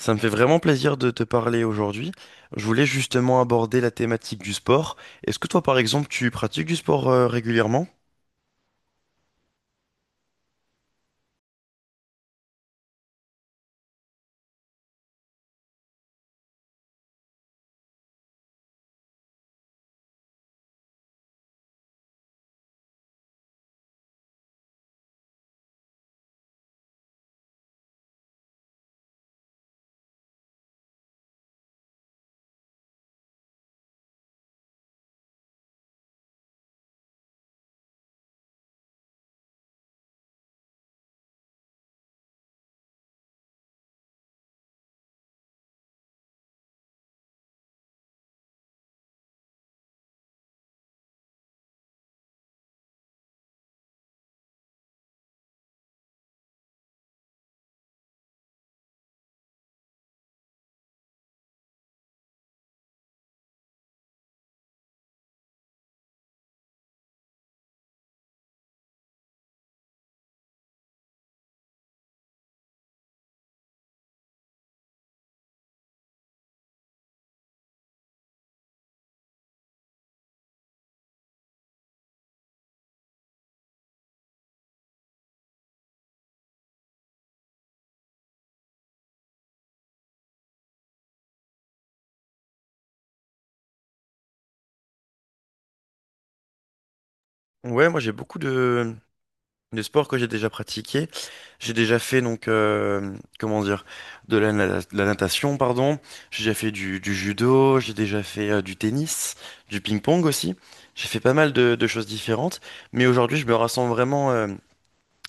Ça me fait vraiment plaisir de te parler aujourd'hui. Je voulais justement aborder la thématique du sport. Est-ce que toi, par exemple, tu pratiques du sport régulièrement? Ouais, moi j'ai beaucoup de sports que j'ai déjà pratiqués. J'ai déjà fait donc comment dire de la natation, pardon. J'ai déjà fait du judo. J'ai déjà fait du tennis, du ping-pong aussi. J'ai fait pas mal de choses différentes. Mais aujourd'hui, je me rassemble vraiment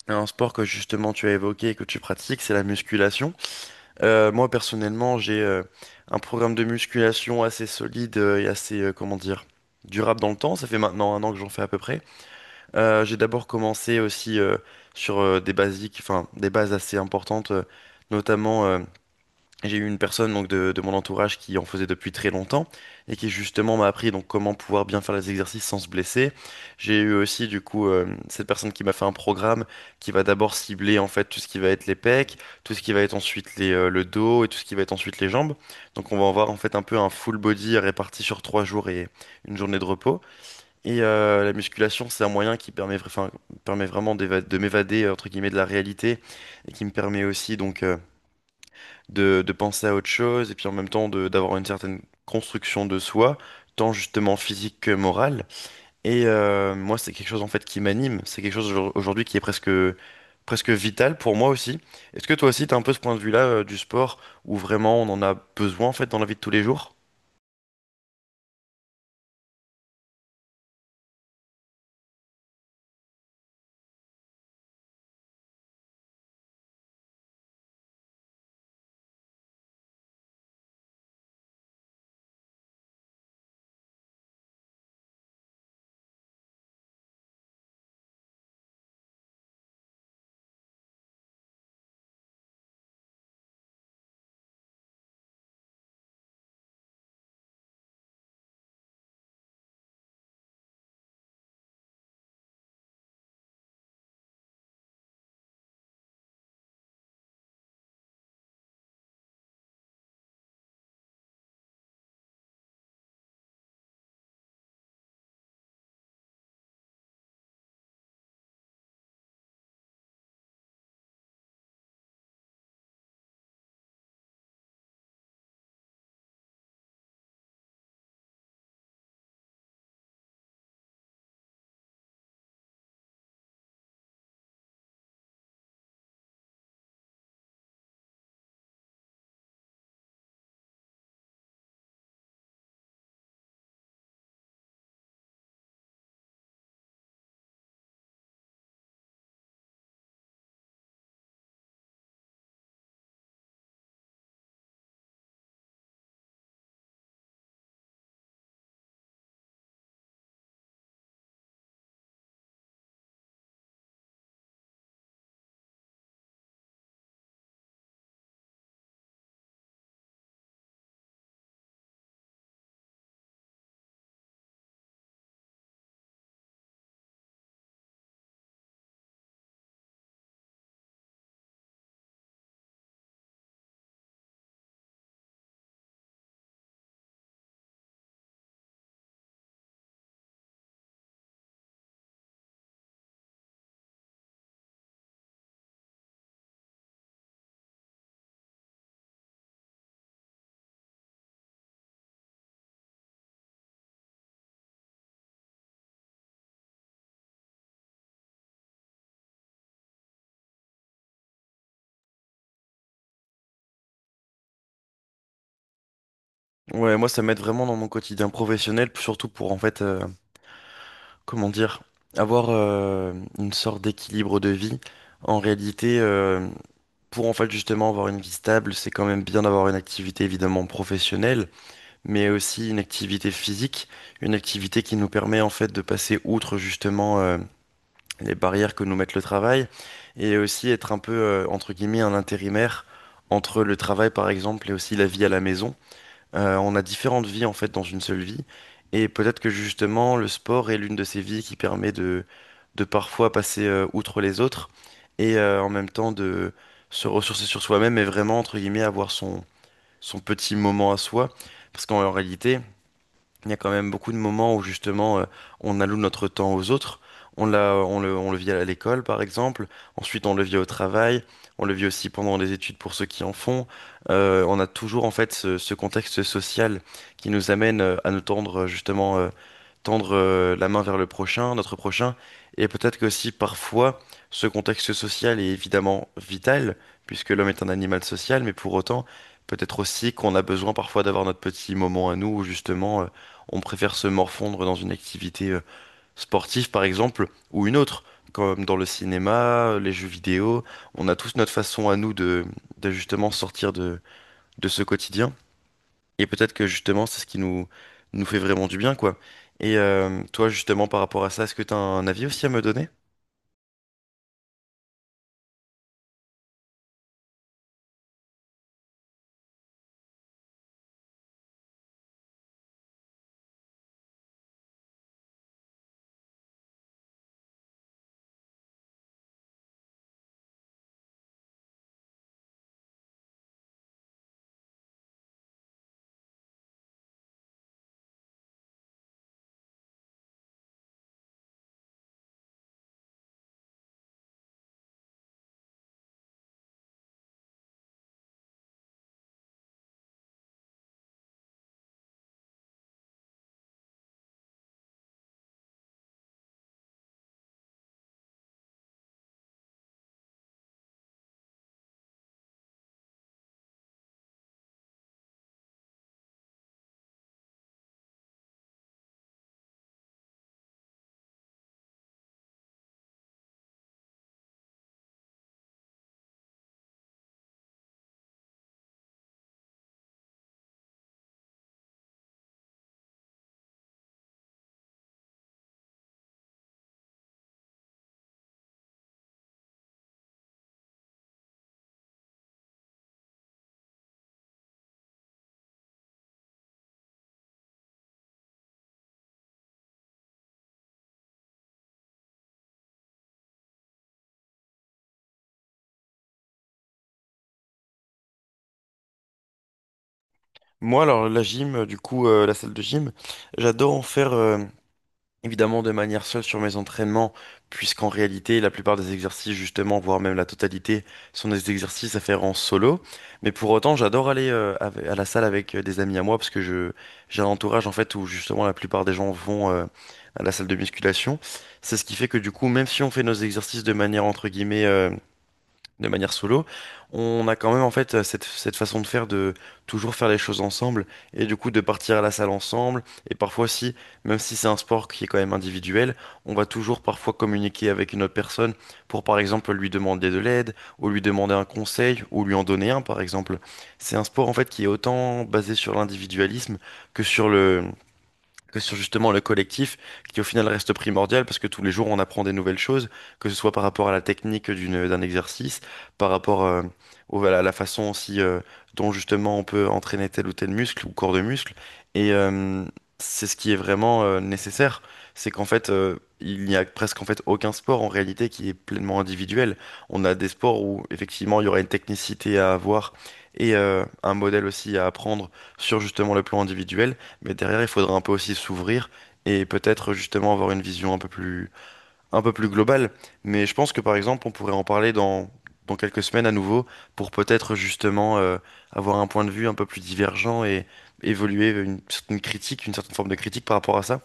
à un sport que justement tu as évoqué et que tu pratiques, c'est la musculation. Moi personnellement, j'ai un programme de musculation assez solide et assez, comment dire, durable dans le temps. Ça fait maintenant un an que j'en fais à peu près. J'ai d'abord commencé aussi sur des basiques, enfin des bases assez importantes, notamment j'ai eu une personne donc de mon entourage qui en faisait depuis très longtemps et qui justement m'a appris donc comment pouvoir bien faire les exercices sans se blesser. J'ai eu aussi du coup cette personne qui m'a fait un programme qui va d'abord cibler en fait tout ce qui va être les pecs, tout ce qui va être ensuite le dos et tout ce qui va être ensuite les jambes. Donc on va avoir en fait un peu un full body réparti sur trois jours et une journée de repos. Et la musculation, c'est un moyen qui permet, enfin, permet vraiment de m'évader entre guillemets de la réalité et qui me permet aussi donc de penser à autre chose et puis en même temps de d'avoir une certaine construction de soi, tant justement physique que morale. Et moi, c'est quelque chose en fait qui m'anime, c'est quelque chose aujourd'hui qui est presque vital pour moi aussi. Est-ce que toi aussi, tu as un peu ce point de vue-là du sport où vraiment on en a besoin en fait dans la vie de tous les jours? Ouais, moi ça m'aide vraiment dans mon quotidien professionnel, surtout pour en fait, comment dire, avoir une sorte d'équilibre de vie. En réalité, pour en fait justement avoir une vie stable, c'est quand même bien d'avoir une activité évidemment professionnelle, mais aussi une activité physique, une activité qui nous permet en fait de passer outre justement les barrières que nous met le travail et aussi être un peu entre guillemets un intérimaire entre le travail par exemple et aussi la vie à la maison. On a différentes vies en fait dans une seule vie. Et peut-être que justement le sport est l'une de ces vies qui permet de parfois passer outre les autres et en même temps de se ressourcer sur soi-même et vraiment entre guillemets avoir son petit moment à soi. Parce qu'en réalité, il y a quand même beaucoup de moments où justement on alloue notre temps aux autres. On le vit à l'école par exemple. Ensuite, on le vit au travail. On le vit aussi pendant les études pour ceux qui en font. On a toujours en fait ce contexte social qui nous amène à nous tendre justement tendre la main vers le prochain, notre prochain, et peut-être que aussi parfois ce contexte social est évidemment vital, puisque l'homme est un animal social, mais pour autant, peut-être aussi qu'on a besoin parfois d'avoir notre petit moment à nous où justement on préfère se morfondre dans une activité sportive par exemple, ou une autre, comme dans le cinéma, les jeux vidéo, on a tous notre façon à nous de justement sortir de ce quotidien. Et peut-être que justement, c'est ce qui nous fait vraiment du bien, quoi. Et toi, justement, par rapport à ça, est-ce que tu as un avis aussi à me donner? Moi, alors, la salle de gym, j'adore en faire. Évidemment de manière seule sur mes entraînements, puisqu'en réalité, la plupart des exercices, justement, voire même la totalité, sont des exercices à faire en solo. Mais pour autant, j'adore aller à la salle avec des amis à moi, parce que je j'ai un entourage, en fait, où justement la plupart des gens vont à la salle de musculation. C'est ce qui fait que du coup, même si on fait nos exercices de manière, entre guillemets, de manière solo, on a quand même en fait cette façon de faire de toujours faire les choses ensemble et du coup de partir à la salle ensemble et parfois si même si c'est un sport qui est quand même individuel, on va toujours parfois communiquer avec une autre personne pour par exemple lui demander de l'aide ou lui demander un conseil ou lui en donner un par exemple. C'est un sport en fait qui est autant basé sur l'individualisme que sur le que sur justement le collectif qui au final reste primordial parce que tous les jours on apprend des nouvelles choses, que ce soit par rapport à la technique d'un exercice, par rapport à la façon aussi dont justement on peut entraîner tel ou tel muscle ou corps de muscle. Et c'est ce qui est vraiment nécessaire, c'est qu'en fait il n'y a presque en fait aucun sport en réalité qui est pleinement individuel. On a des sports où effectivement il y aura une technicité à avoir et un modèle aussi à apprendre sur justement le plan individuel. Mais derrière, il faudra un peu aussi s'ouvrir et peut-être justement avoir une vision un un peu plus globale. Mais je pense que par exemple, on pourrait en parler dans quelques semaines à nouveau pour peut-être justement avoir un point de vue un peu plus divergent et évoluer une certaine critique, une certaine forme de critique par rapport à ça.